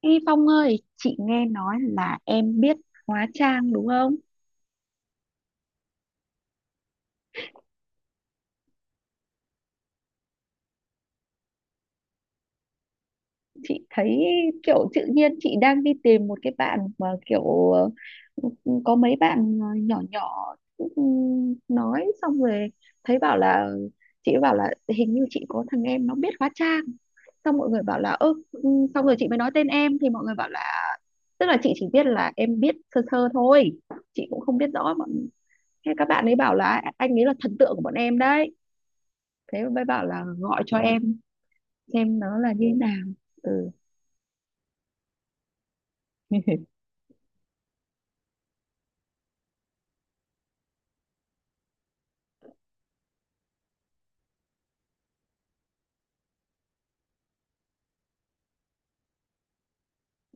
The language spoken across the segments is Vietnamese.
Ê Phong ơi, chị nghe nói là em biết hóa trang đúng không? Chị thấy kiểu tự nhiên chị đang đi tìm một cái bạn mà kiểu có mấy bạn nhỏ nhỏ, ừ, nói xong rồi thấy bảo là chị bảo là hình như chị có thằng em nó biết hóa trang. Xong mọi người bảo là ơ, ừ, xong rồi chị mới nói tên em thì mọi người bảo là tức là chị chỉ biết là em biết sơ sơ thôi. Chị cũng không biết rõ bọn thế các bạn ấy bảo là anh ấy là thần tượng của bọn em đấy, thế mới bảo là gọi cho em xem nó là như thế nào. Ừ.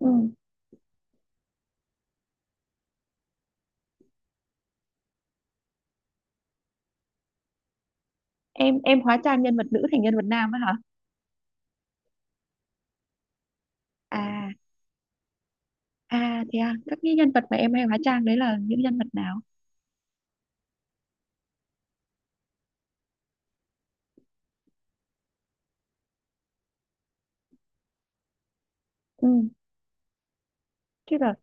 ừ. Em hóa trang nhân vật nữ thành nhân vật nam á hả? À, à thế à, các cái nhân vật mà em hay hóa trang đấy là những nhân vật nào? Ừ. Thế là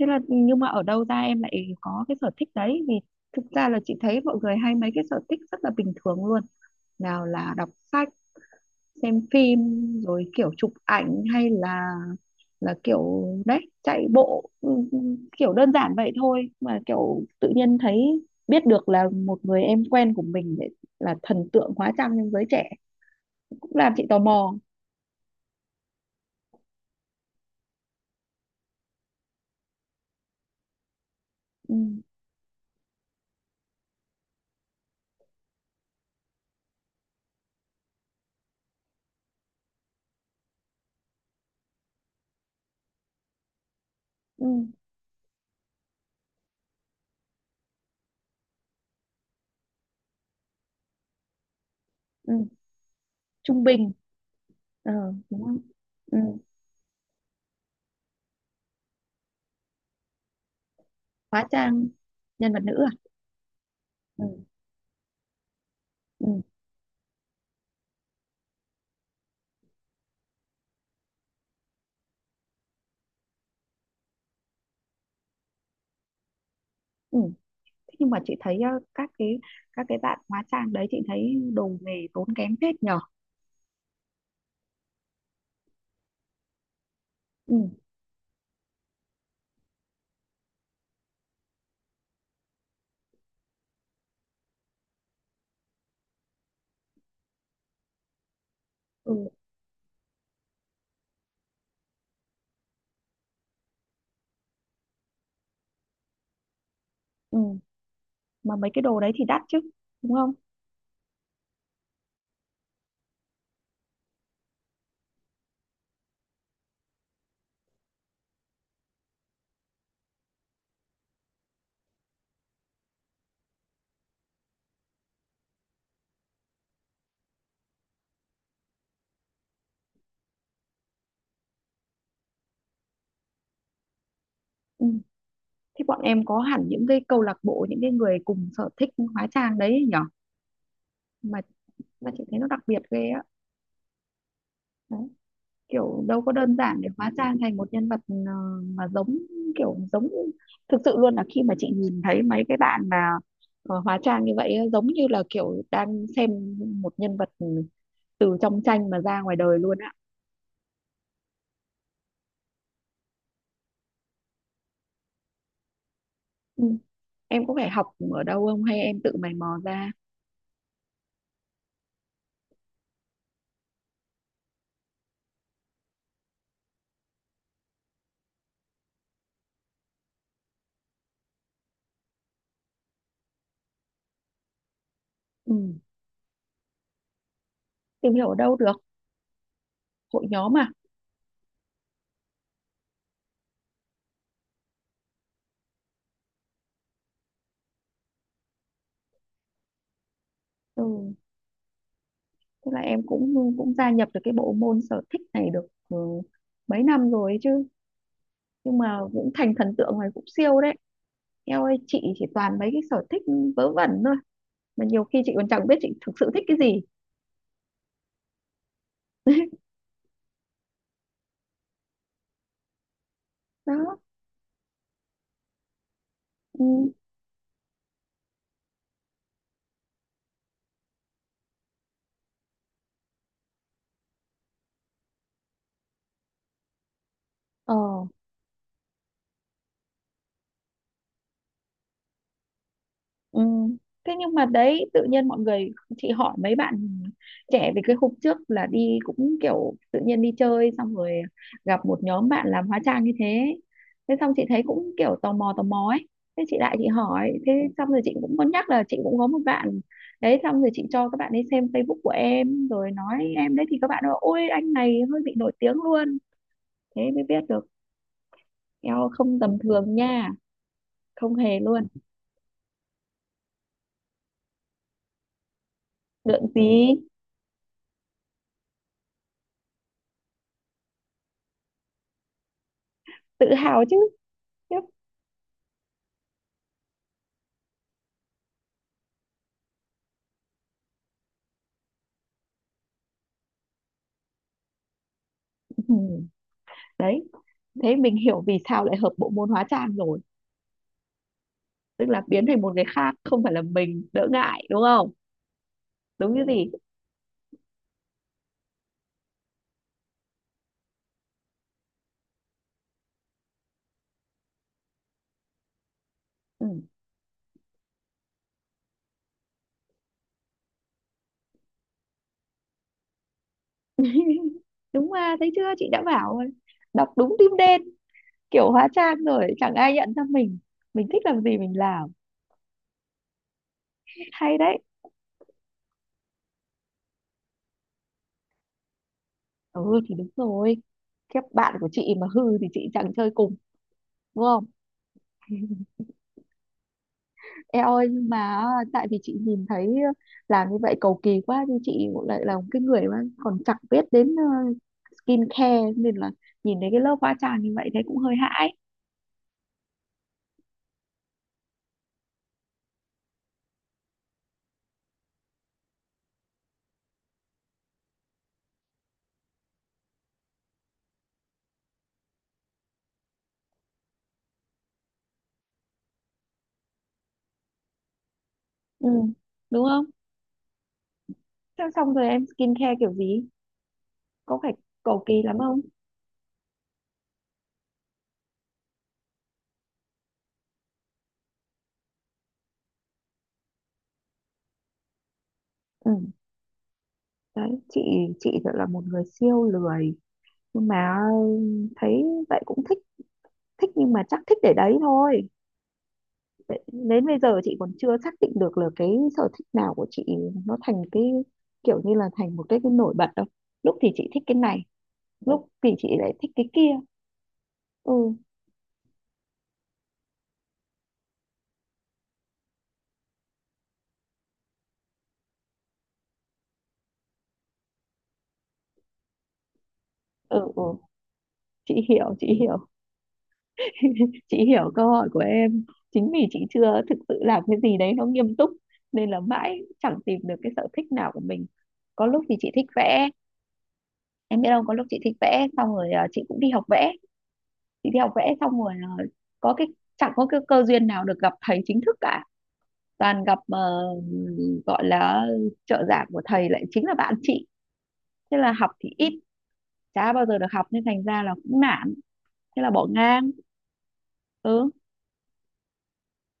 nhưng mà ở đâu ra em lại có cái sở thích đấy, vì thực ra là chị thấy mọi người hay mấy cái sở thích rất là bình thường luôn, nào là đọc sách, xem phim, rồi kiểu chụp ảnh, hay là kiểu đấy chạy bộ, ừ, ừ, kiểu đơn giản vậy thôi mà kiểu tự nhiên thấy biết được là một người em quen của mình để là thần tượng hóa trang trong giới trẻ cũng làm chị tò mò. Ừ, ừ, ừ. Trung bình, ờ, đúng không? Ừ. Hóa trang nhân vật nữ à? Ừ, ừ, ừ. Thế nhưng mà chị thấy các cái bạn hóa trang đấy chị thấy đồ nghề tốn kém phết nhở. Ừ, ừ, ừ. Mà mấy cái đồ đấy thì đắt chứ, đúng không? Ừ. Thế bọn em có hẳn những cái câu lạc bộ, những cái người cùng sở thích hóa trang đấy ấy, mà chị thấy nó đặc biệt ghê á. Đấy. Kiểu đâu có đơn giản để hóa trang thành một nhân vật mà giống, kiểu giống thực sự luôn là khi mà chị nhìn thấy mấy cái bạn mà hóa trang như vậy á, giống như là kiểu đang xem một nhân vật từ trong tranh mà ra ngoài đời luôn á. Ừ. Em có phải học ở đâu không hay em tự mày mò ra? Ừ. Tìm hiểu ở đâu được? Hội nhóm à? Ừ. Tức là em cũng cũng gia nhập được cái bộ môn sở thích này được ừ, mấy năm rồi ấy chứ, nhưng mà cũng thành thần tượng này cũng siêu đấy. Em ơi, chị chỉ toàn mấy cái sở thích vớ vẩn thôi, mà nhiều khi chị còn chẳng biết chị thực sự thích cái gì. đó. Ừ. Ờ. Ừ. Thế nhưng mà đấy tự nhiên mọi người chị hỏi mấy bạn trẻ về cái khúc trước là đi cũng kiểu tự nhiên đi chơi xong rồi gặp một nhóm bạn làm hóa trang như thế, thế xong chị thấy cũng kiểu tò mò, tò mò ấy, thế chị lại chị hỏi thế, xong rồi chị cũng có nhắc là chị cũng có một bạn đấy, xong rồi chị cho các bạn ấy xem Facebook của em rồi nói em đấy thì các bạn nói ôi anh này hơi bị nổi tiếng luôn, thế mới biết được eo không tầm thường nha, không hề luôn. Lượng gì? Tự hào chứ. Yep. Đấy, thế mình hiểu vì sao lại hợp bộ môn hóa trang rồi, tức là biến thành một người khác không phải là mình đỡ ngại, đúng không? Đúng như gì? Ừ. Đúng mà, thấy chưa, chị đã bảo rồi. Đọc đúng tim đen, kiểu hóa trang rồi chẳng ai nhận ra mình thích làm gì mình làm, hay đấy. Ừ thì đúng rồi, các bạn của chị mà hư thì chị chẳng chơi cùng, đúng không? Em ơi nhưng mà tại vì chị nhìn thấy làm như vậy cầu kỳ quá, nhưng chị lại là một cái người mà còn chẳng biết đến skincare, nên là nhìn thấy cái lớp hóa trang như vậy thấy cũng hơi hãi. Ừ. Đúng không? Thế xong rồi em skincare kiểu gì, có phải cầu kỳ lắm không? Ừ. Đấy, chị thật là một người siêu lười, nhưng mà thấy vậy cũng thích, thích nhưng mà chắc thích để đấy thôi. Để- đến bây giờ chị còn chưa xác định được là cái sở thích nào của chị nó thành cái kiểu như là thành một cái nổi bật đâu, lúc thì chị thích cái này, lúc thì chị lại thích cái kia. Ừ, ừ, ừ, chị hiểu, chị hiểu, chị hiểu câu hỏi của em. Chính vì chị chưa thực sự làm cái gì đấy nó nghiêm túc nên là mãi chẳng tìm được cái sở thích nào của mình. Có lúc thì chị thích vẽ, em biết không, có lúc chị thích vẽ xong rồi à, chị cũng đi học vẽ, chị đi học vẽ xong rồi à, có cái chẳng có cái cơ duyên nào được gặp thầy chính thức cả, toàn gặp gọi là trợ giảng của thầy lại chính là bạn chị, thế là học thì ít, chả bao giờ được học nên thành ra là cũng nản, thế là bỏ ngang. Ừ,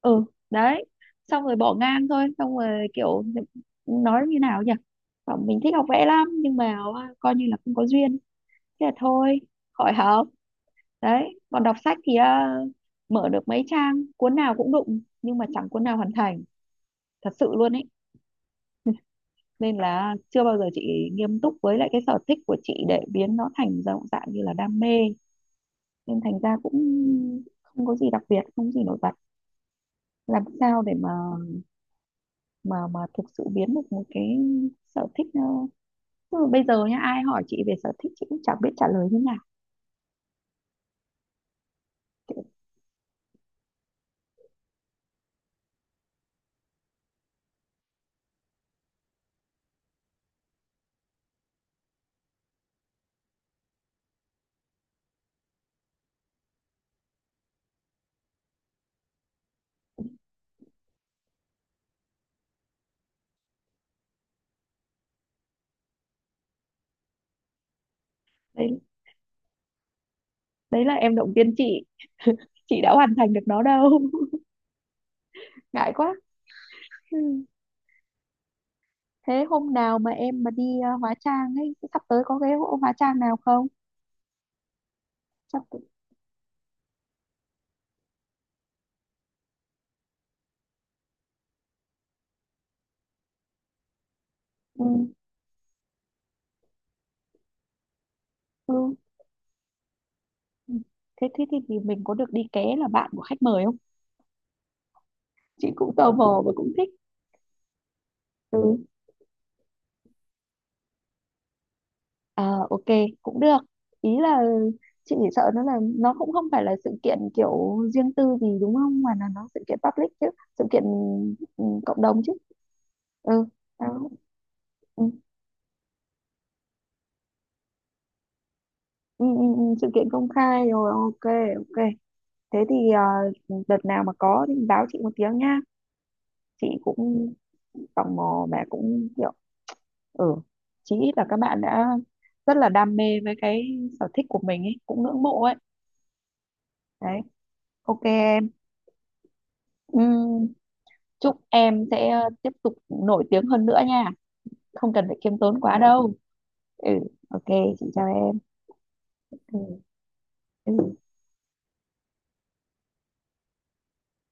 ừ. Đấy, xong rồi bỏ ngang thôi, xong rồi kiểu nói như nào nhỉ. Bảo mình thích học vẽ lắm nhưng mà à, coi như là không có duyên, thế là thôi, khỏi học. Đấy, còn đọc sách thì à, mở được mấy trang cuốn nào cũng đụng, nhưng mà chẳng cuốn nào hoàn thành, thật sự luôn ấy, nên là chưa bao giờ chị nghiêm túc với lại cái sở thích của chị để biến nó thành dạng dạng như là đam mê, nên thành ra cũng không có gì đặc biệt, không có gì nổi bật, làm sao để mà mà thực sự biến được một cái sở thích, tức là bây giờ nhá ai hỏi chị về sở thích chị cũng chẳng biết trả lời như nào. Kiểu đấy, đấy là em động viên chị đã hoàn thành được nó đâu. ngại quá. Ừ. Thế hôm nào mà em mà đi hóa trang ấy, sắp tới có cái hội hóa trang nào không, chắc cũng-. Ừ, ừ. Ừ. Thế thế thì mình có được đi ké là bạn của khách mời không, chị cũng tò mò và cũng thích. Ừ. Ờ, ok, cũng được. Ý là chị chỉ sợ nó là nó cũng không phải là sự kiện kiểu riêng tư gì đúng không, mà là nó sự kiện public chứ, sự kiện, ừ, cộng đồng chứ. Ừ, đó. Ừ, ừ, ừ, ừ, sự kiện công khai rồi, ok, ok. Thế thì đợt nào mà có thì báo chị một tiếng nha, chị cũng tò mò mà cũng kiểu, ừ, chí ít là các bạn đã rất là đam mê với cái sở thích của mình ấy cũng ngưỡng mộ ấy. Đấy, ok em. Ừ. Chúc em sẽ tiếp tục nổi tiếng hơn nữa nha, không cần phải khiêm tốn quá đâu. Ừ, ok, chị chào em. Ừ.